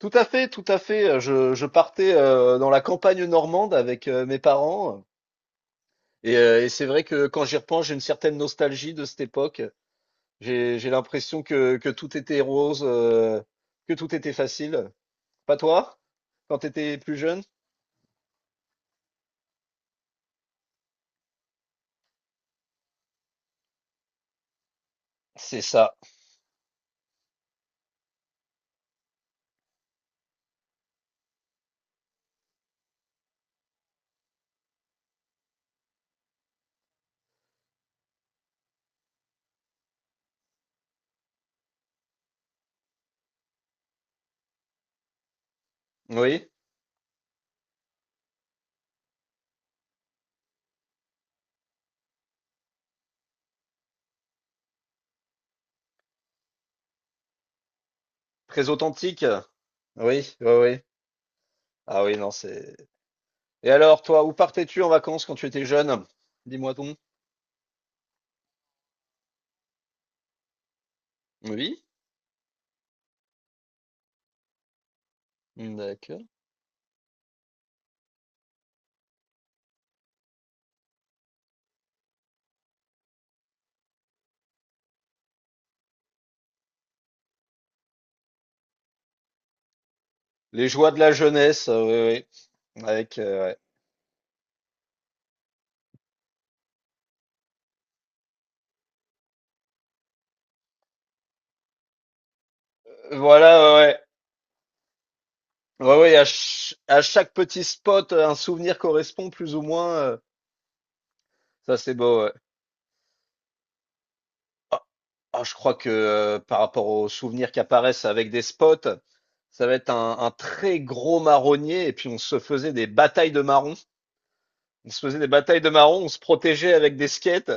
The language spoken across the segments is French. Tout à fait, tout à fait. Je partais dans la campagne normande avec mes parents. Et c'est vrai que quand j'y repense, j'ai une certaine nostalgie de cette époque. J'ai l'impression que tout était rose, que tout était facile. Pas toi, quand t'étais plus jeune? C'est ça. Oui, très authentique. Oui, oui, oui. Ah oui, non, c'est. Et alors, toi, où partais-tu en vacances quand tu étais jeune? Dis-moi donc. Oui, d'accord. Les joies de la jeunesse, oui, oui. Ouais. Voilà, ouais, ouais. Ouais, ouais, à chaque petit spot, un souvenir correspond plus ou moins. Ça, c'est beau, ouais. Ah, ah, je crois que par rapport aux souvenirs qui apparaissent avec des spots, ça va être un très gros marronnier. Et puis, on se faisait des batailles de marrons. On se faisait des batailles de marrons, on se protégeait avec des skates.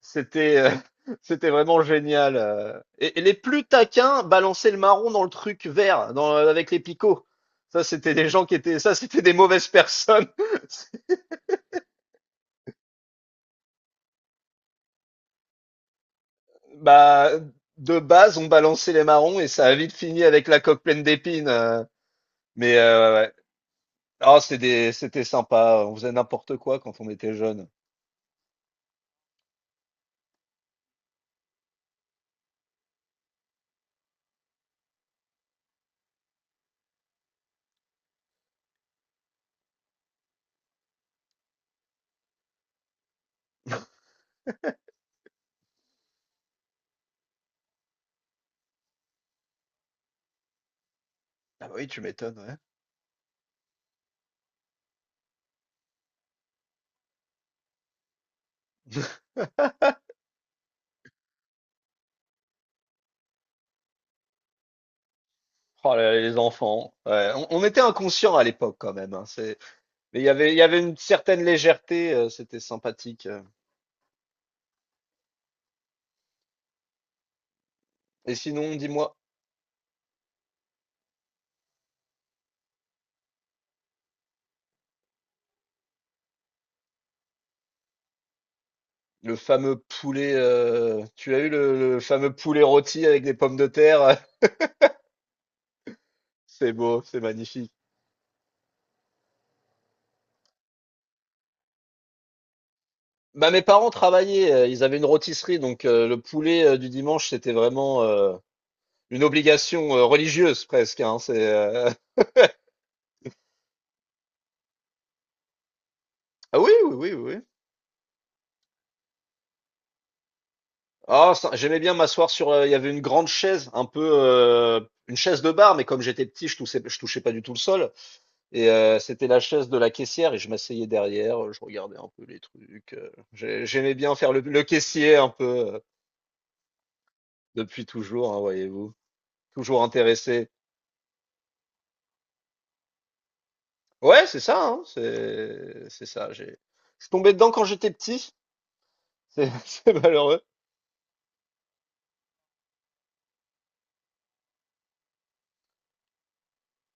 C'était c'était vraiment génial. Et les plus taquins balançaient le marron dans le truc vert, avec les picots. Ça, c'était des gens qui étaient, ça, c'était des mauvaises personnes. Bah, de base, on balançait les marrons et ça a vite fini avec la coque pleine d'épines. Mais ouais, ouais. Ah, c'était sympa. On faisait n'importe quoi quand on était jeune. Ah bah oui, tu m'étonnes, ouais. Oh là là, les enfants. Ouais, on était inconscients à l'époque quand même, hein. Mais il y avait une certaine légèreté, c'était sympathique. Et sinon, dis-moi. Le fameux poulet, tu as eu le fameux poulet rôti avec des pommes de terre? C'est beau, c'est magnifique. Bah, mes parents travaillaient, ils avaient une rôtisserie donc le poulet, du dimanche, c'était vraiment, une obligation, religieuse presque, hein. Ah oui, oui, oui, oui. Ah ça j'aimais bien m'asseoir sur, il y avait une grande chaise, un peu, une chaise de bar mais comme j'étais petit, je touchais pas du tout le sol. Et c'était la chaise de la caissière et je m'asseyais derrière, je regardais un peu les trucs. J'aimais bien faire le caissier un peu euh, depuis toujours, hein, voyez-vous. Toujours intéressé. Ouais, c'est ça, hein, c'est ça. Je suis tombé dedans quand j'étais petit. C'est c'est malheureux.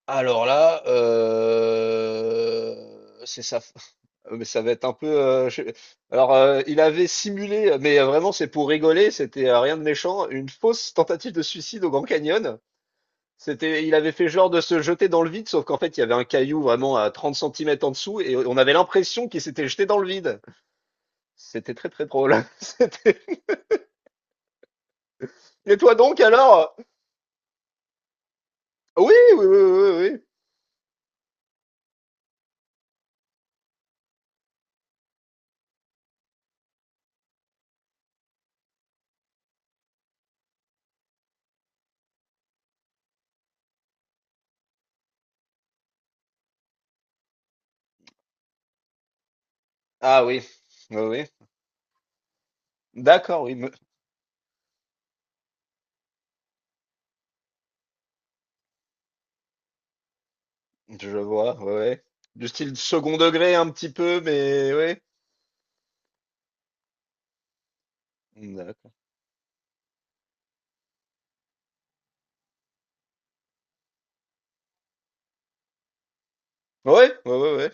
Alors là, c'est ça. Mais ça va être un peu. Alors, il avait simulé, mais vraiment, c'est pour rigoler. C'était rien de méchant. Une fausse tentative de suicide au Grand Canyon. Il avait fait genre de se jeter dans le vide, sauf qu'en fait, il y avait un caillou vraiment à 30 centimètres en dessous et on avait l'impression qu'il s'était jeté dans le vide. C'était très très drôle. C'était. Et toi donc alors? Oui, oui, oui, oui, oui. Oui. Ah oui, oui, oui. D'accord, oui, je vois, ouais, ouais. Du style second degré un petit peu, mais ouais. D'accord. Ouais, ouais, ouais, ouais.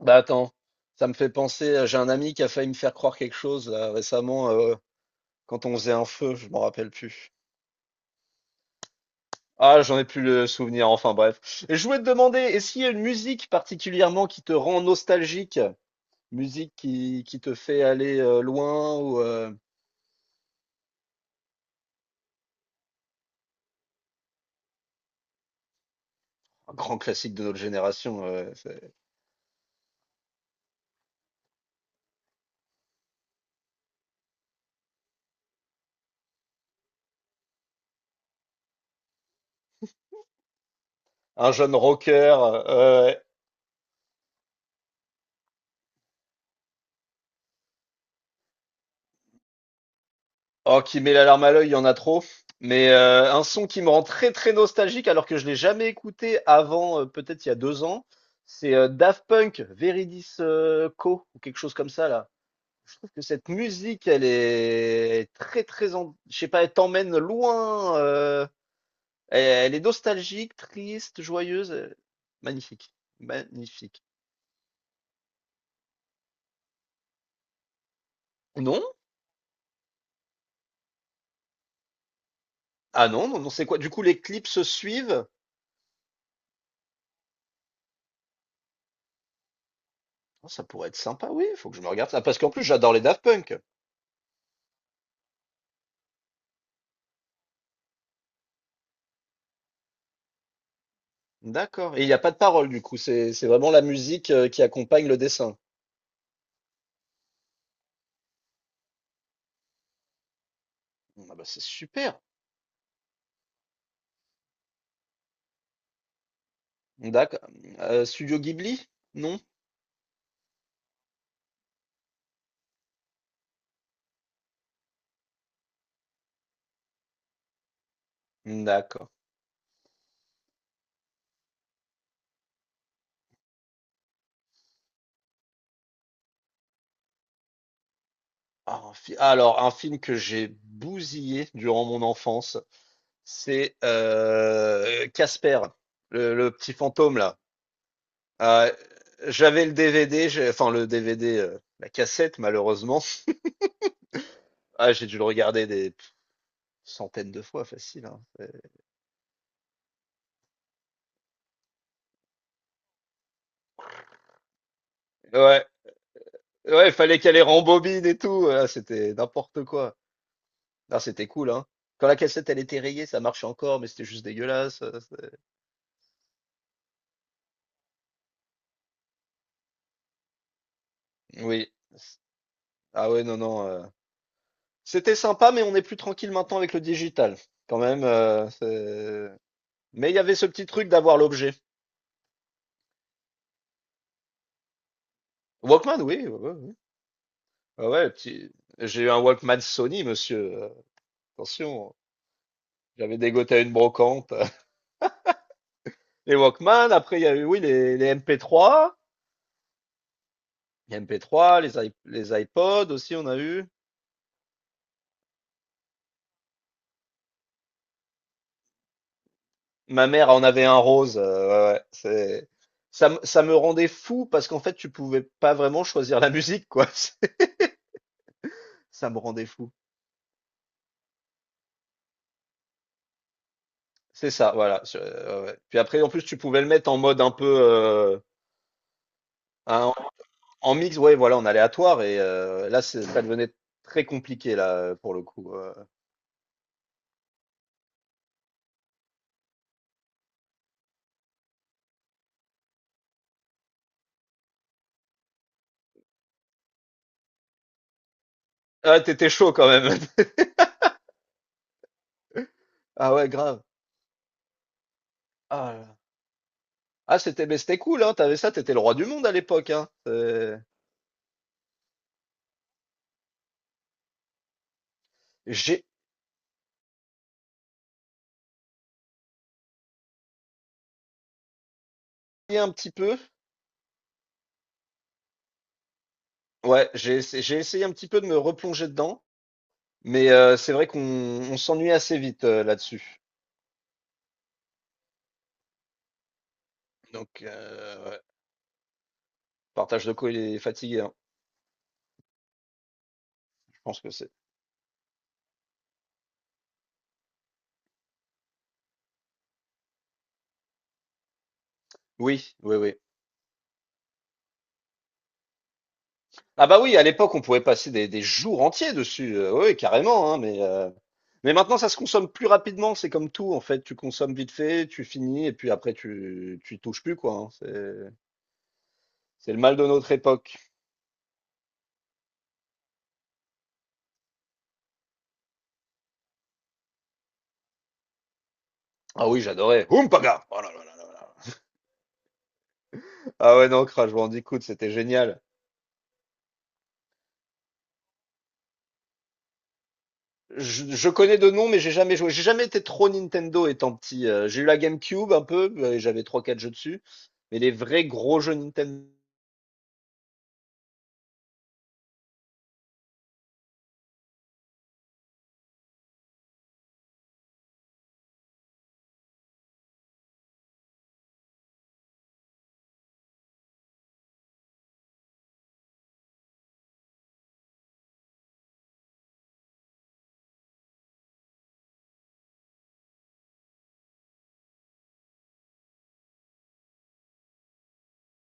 Bah attends, ça me fait penser, j'ai un ami qui a failli me faire croire quelque chose là, récemment quand on faisait un feu, je m'en rappelle plus. Ah, j'en ai plus le souvenir, enfin bref. Et je voulais te demander, est-ce qu'il y a une musique particulièrement qui te rend nostalgique? Musique qui te fait aller loin. Ou Un grand classique de notre génération, c'est un jeune rocker. euh, oh, qui met la larme à l'œil, il y en a trop. Mais un son qui me rend très très nostalgique alors que je l'ai jamais écouté avant, peut-être il y a 2 ans, c'est Daft Punk, Veridis Co, ou quelque chose comme ça là. Que cette musique, elle est très, très, je sais pas, elle t'emmène loin. Elle est nostalgique, triste, joyeuse. Magnifique. Magnifique. Non? Ah non, non, non, c'est quoi? Du coup, les clips se suivent? Oh, ça pourrait être sympa, oui, faut que je me regarde ça. Parce qu'en plus, j'adore les Daft Punk. D'accord. Et il n'y a pas de parole, du coup. C'est vraiment la musique qui accompagne le dessin. Ah bah, c'est super. D'accord. Studio Ghibli? Non? D'accord. Ah, un film que j'ai bousillé durant mon enfance, c'est Casper, le petit fantôme là. Euh, J'avais le DVD, enfin le DVD, la cassette malheureusement. Ah, j'ai dû le regarder des centaines de fois, facile, hein. Ouais, ouais, il fallait qu'elle les rembobine et tout. Ah, c'était n'importe quoi. Non, c'était cool, hein. Quand la cassette elle était rayée, ça marchait encore, mais c'était juste dégueulasse. Oui. Ah ouais, non, non. C'était sympa, mais on est plus tranquille maintenant avec le digital. Quand même, Mais il y avait ce petit truc d'avoir l'objet. Walkman, oui. Ouais, ouais, ouais. Ah ouais, petit. J'ai eu un Walkman Sony, monsieur. Attention, j'avais dégoté à une brocante. Les Walkman, après, il y a eu, oui, les MP3. Les MP3, les iPods aussi, on a eu. Ma mère en avait un rose. Ouais, ouais, c'est. Ça me rendait fou parce qu'en fait, tu pouvais pas vraiment choisir la musique, quoi. Ça me rendait fou. C'est ça, voilà. Ouais, ouais. Puis après, en plus, tu pouvais le mettre en mode un peu. Un- En mix, ouais, voilà, en aléatoire. Et là, ça devenait très compliqué là pour le coup. Ah, t'étais chaud quand même. Ah ouais, grave. Ah, là là. Ah, mais c'était cool, hein. T'avais ça, t'étais le roi du monde à l'époque, hein. J'ai essayé un petit peu. Ouais, j'ai essayé un petit peu de me replonger dedans, mais c'est vrai qu'on s'ennuie assez vite là-dessus. Donc, ouais. Partage de co, il est fatigué, hein. Je pense que c'est. Oui, oui, oui. Ah bah oui, à l'époque, on pouvait passer des jours entiers dessus. Oui, carrément, hein, mais maintenant, ça se consomme plus rapidement. C'est comme tout, en fait. Tu consommes vite fait, tu finis, et puis après, tu y touches plus, quoi, hein. C'est le mal de notre époque. Ah oui, j'adorais. Ompaga! Oh là là là là là. Ah ouais, non, Crash Bandicoot, c'était génial. Je connais de nom, mais j'ai jamais joué. J'ai jamais été trop Nintendo étant petit. J'ai eu la GameCube un peu, et j'avais trois quatre jeux dessus. Mais les vrais gros jeux Nintendo.